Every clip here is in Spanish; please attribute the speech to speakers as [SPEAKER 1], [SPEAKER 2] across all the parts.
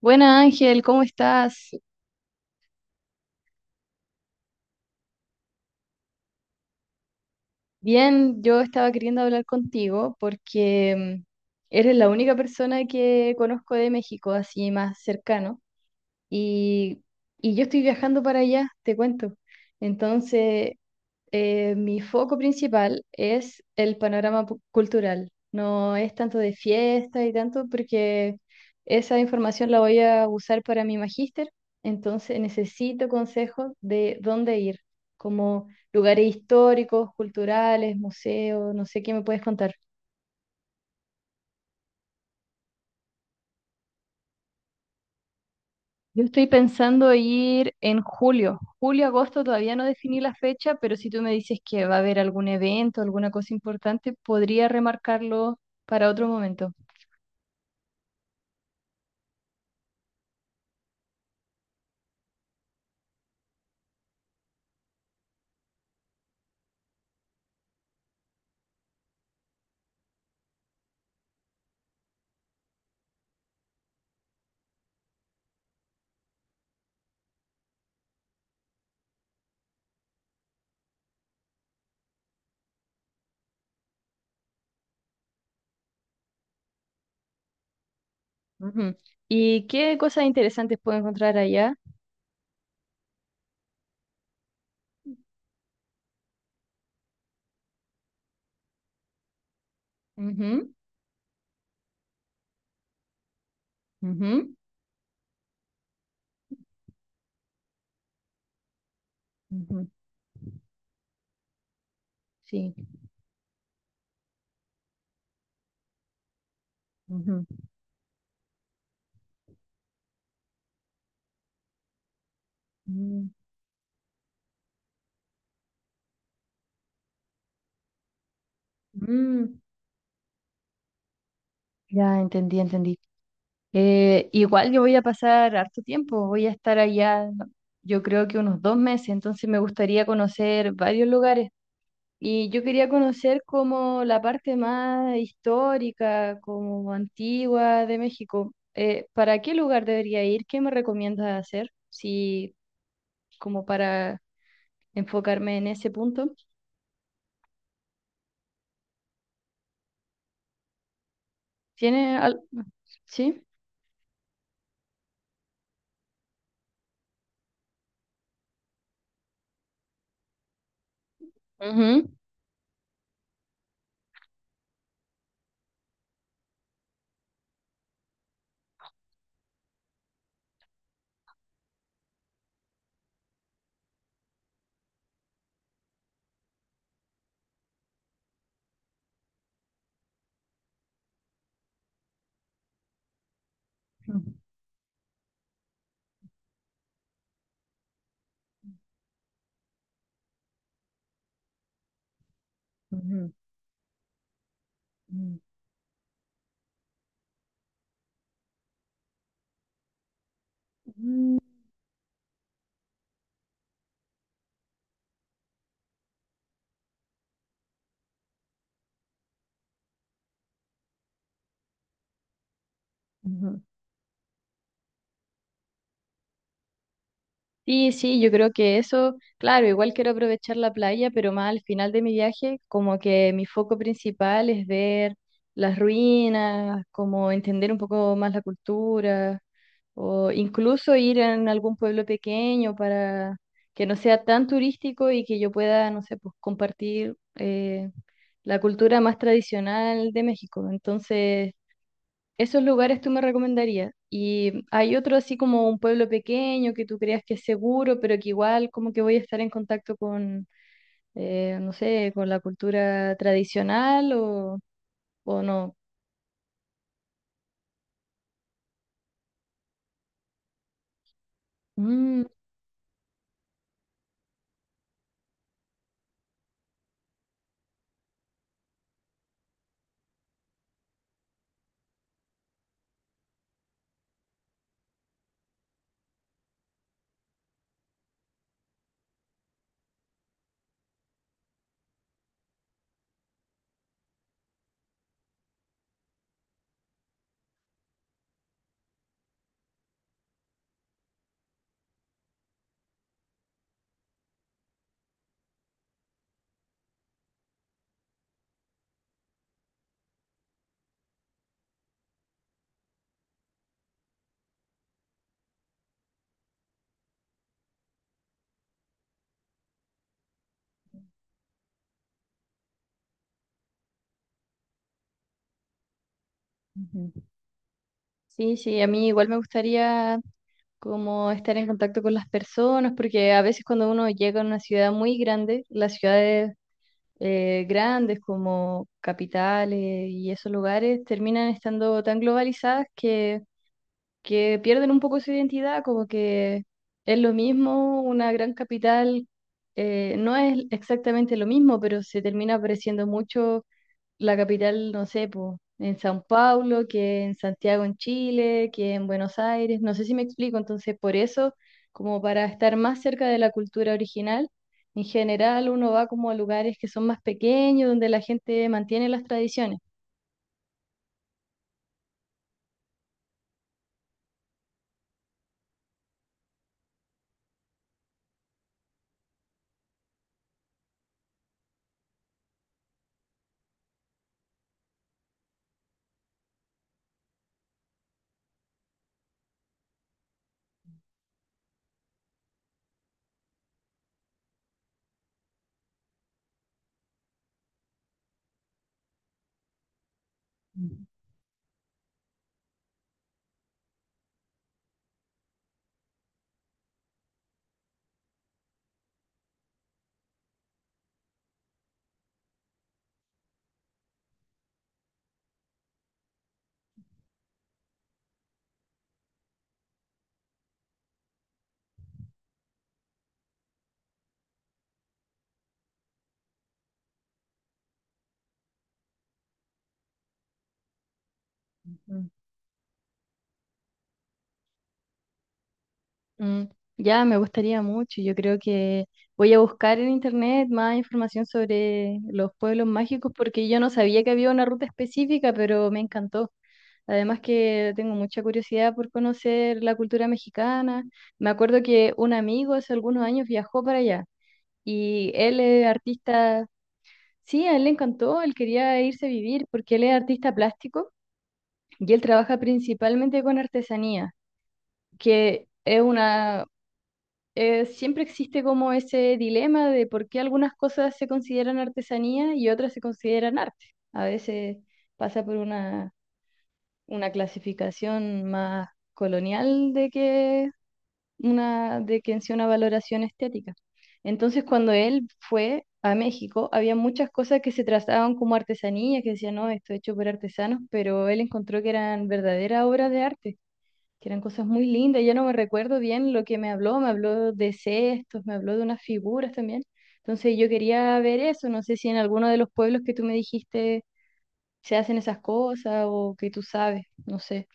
[SPEAKER 1] Buenas Ángel, ¿cómo estás? Bien, yo estaba queriendo hablar contigo porque eres la única persona que conozco de México, así más cercano, y, y yo estoy viajando para allá, te cuento. Entonces, mi foco principal es el panorama cultural. No es tanto de fiesta y tanto porque esa información la voy a usar para mi magíster, entonces necesito consejos de dónde ir, como lugares históricos, culturales, museos, no sé qué me puedes contar. Yo estoy pensando ir en julio. Julio, agosto, todavía no definí la fecha, pero si tú me dices que va a haber algún evento, alguna cosa importante, podría remarcarlo para otro momento. Ujú. ¿Y qué cosas interesantes puedo encontrar allá? Ujú, ujú, ujú, sí. Ujú. Mm, mm, ya entendí, entendí. Igual yo voy a pasar harto tiempo, voy a estar allá, ¿no? Yo creo que unos dos meses, entonces me gustaría conocer varios lugares. Y yo quería conocer como la parte más histórica, como antigua de México. ¿Para qué lugar debería ir? ¿Qué me recomiendas hacer? Si como para enfocarme en ese punto. ¿Tiene al... sí? Ujú. Ujú, ujú, ujú, ujú. Ujú. Sí, sí, yo creo que eso, claro, igual quiero aprovechar la playa, pero más al final de mi viaje, como que mi foco principal es ver las ruinas, como entender un poco más la cultura, o incluso ir en algún pueblo pequeño para que no sea tan turístico y que yo pueda, no sé, pues compartir la cultura más tradicional de México. Entonces, esos lugares tú me recomendarías. Y hay otro así como un pueblo pequeño que tú creas que es seguro, pero que igual como que voy a estar en contacto con, no sé, con la cultura tradicional o no. Mm, ujú. Sí, sí, a mí igual me gustaría como estar en contacto con las personas, porque a veces cuando uno llega a una ciudad muy grande, las ciudades grandes como capitales y esos lugares terminan estando tan globalizadas que pierden un poco su identidad, como que es lo mismo, una gran capital no es exactamente lo mismo, pero se termina pareciendo mucho la capital, no sé, po, en San Paulo, que en Santiago en Chile, que en Buenos Aires, no sé si me explico, entonces por eso, como para estar más cerca de la cultura original. En general, uno va como a lugares que son más pequeños, donde la gente mantiene las tradiciones. Mm, ya, me gustaría mucho. Yo creo que voy a buscar en internet más información sobre los pueblos mágicos porque yo no sabía que había una ruta específica, pero me encantó. Además que tengo mucha curiosidad por conocer la cultura mexicana. Me acuerdo que un amigo hace algunos años viajó para allá y él es artista, sí, a él le encantó, él quería irse a vivir porque él es artista plástico y él trabaja principalmente con artesanía, que es una siempre existe como ese dilema de por qué algunas cosas se consideran artesanía y otras se consideran arte. A veces pasa por una clasificación más colonial de que una, de que en sí una valoración estética. Entonces, cuando él fue a México, había muchas cosas que se trataban como artesanía, que decían, no, esto es hecho por artesanos, pero él encontró que eran verdaderas obras de arte que eran cosas muy lindas. Ya no me recuerdo bien lo que me habló de cestos, me habló de unas figuras también. Entonces yo quería ver eso, no sé si en alguno de los pueblos que tú me dijiste se hacen esas cosas o que tú sabes, no sé.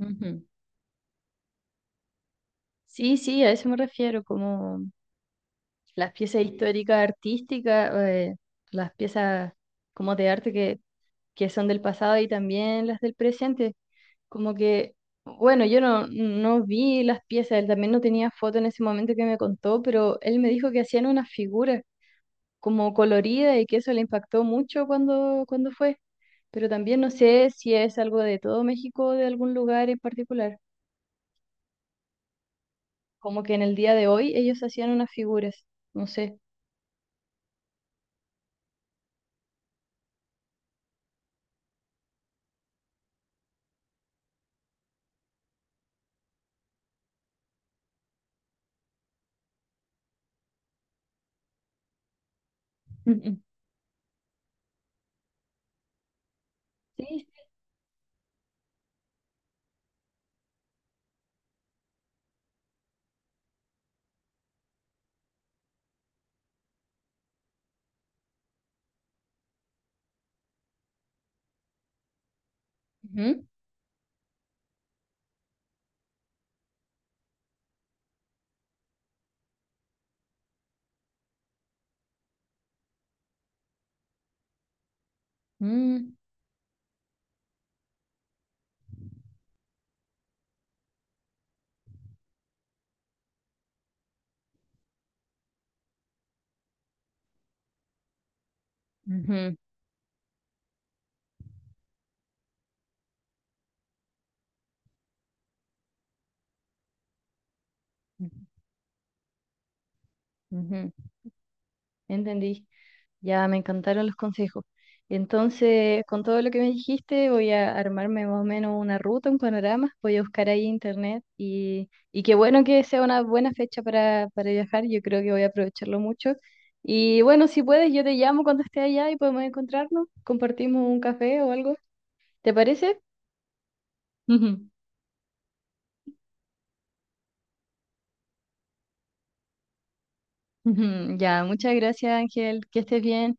[SPEAKER 1] Ujú. Sí, sí, a eso me refiero, como las piezas históricas artísticas, las piezas como de arte que son del pasado y también las del presente. Como que, bueno, yo no, no vi las piezas, él también no tenía foto en ese momento que me contó, pero él me dijo que hacían una figura como colorida y que eso le impactó mucho cuando, cuando fue. Pero también no sé si es algo de todo México o de algún lugar en particular. Como que en el día de hoy ellos hacían unas figuras, no sé. Sí. Sí. Ujú. Mm, ujú, ujú, ujú. Entendí. Ya me encantaron los consejos. Entonces, con todo lo que me dijiste, voy a armarme más o menos una ruta, un panorama. Voy a buscar ahí internet y qué bueno que sea una buena fecha para viajar. Yo creo que voy a aprovecharlo mucho. Y bueno, si puedes, yo te llamo cuando esté allá y podemos encontrarnos. Compartimos un café o algo. ¿Te parece? Ya, muchas gracias, Ángel. Que estés bien.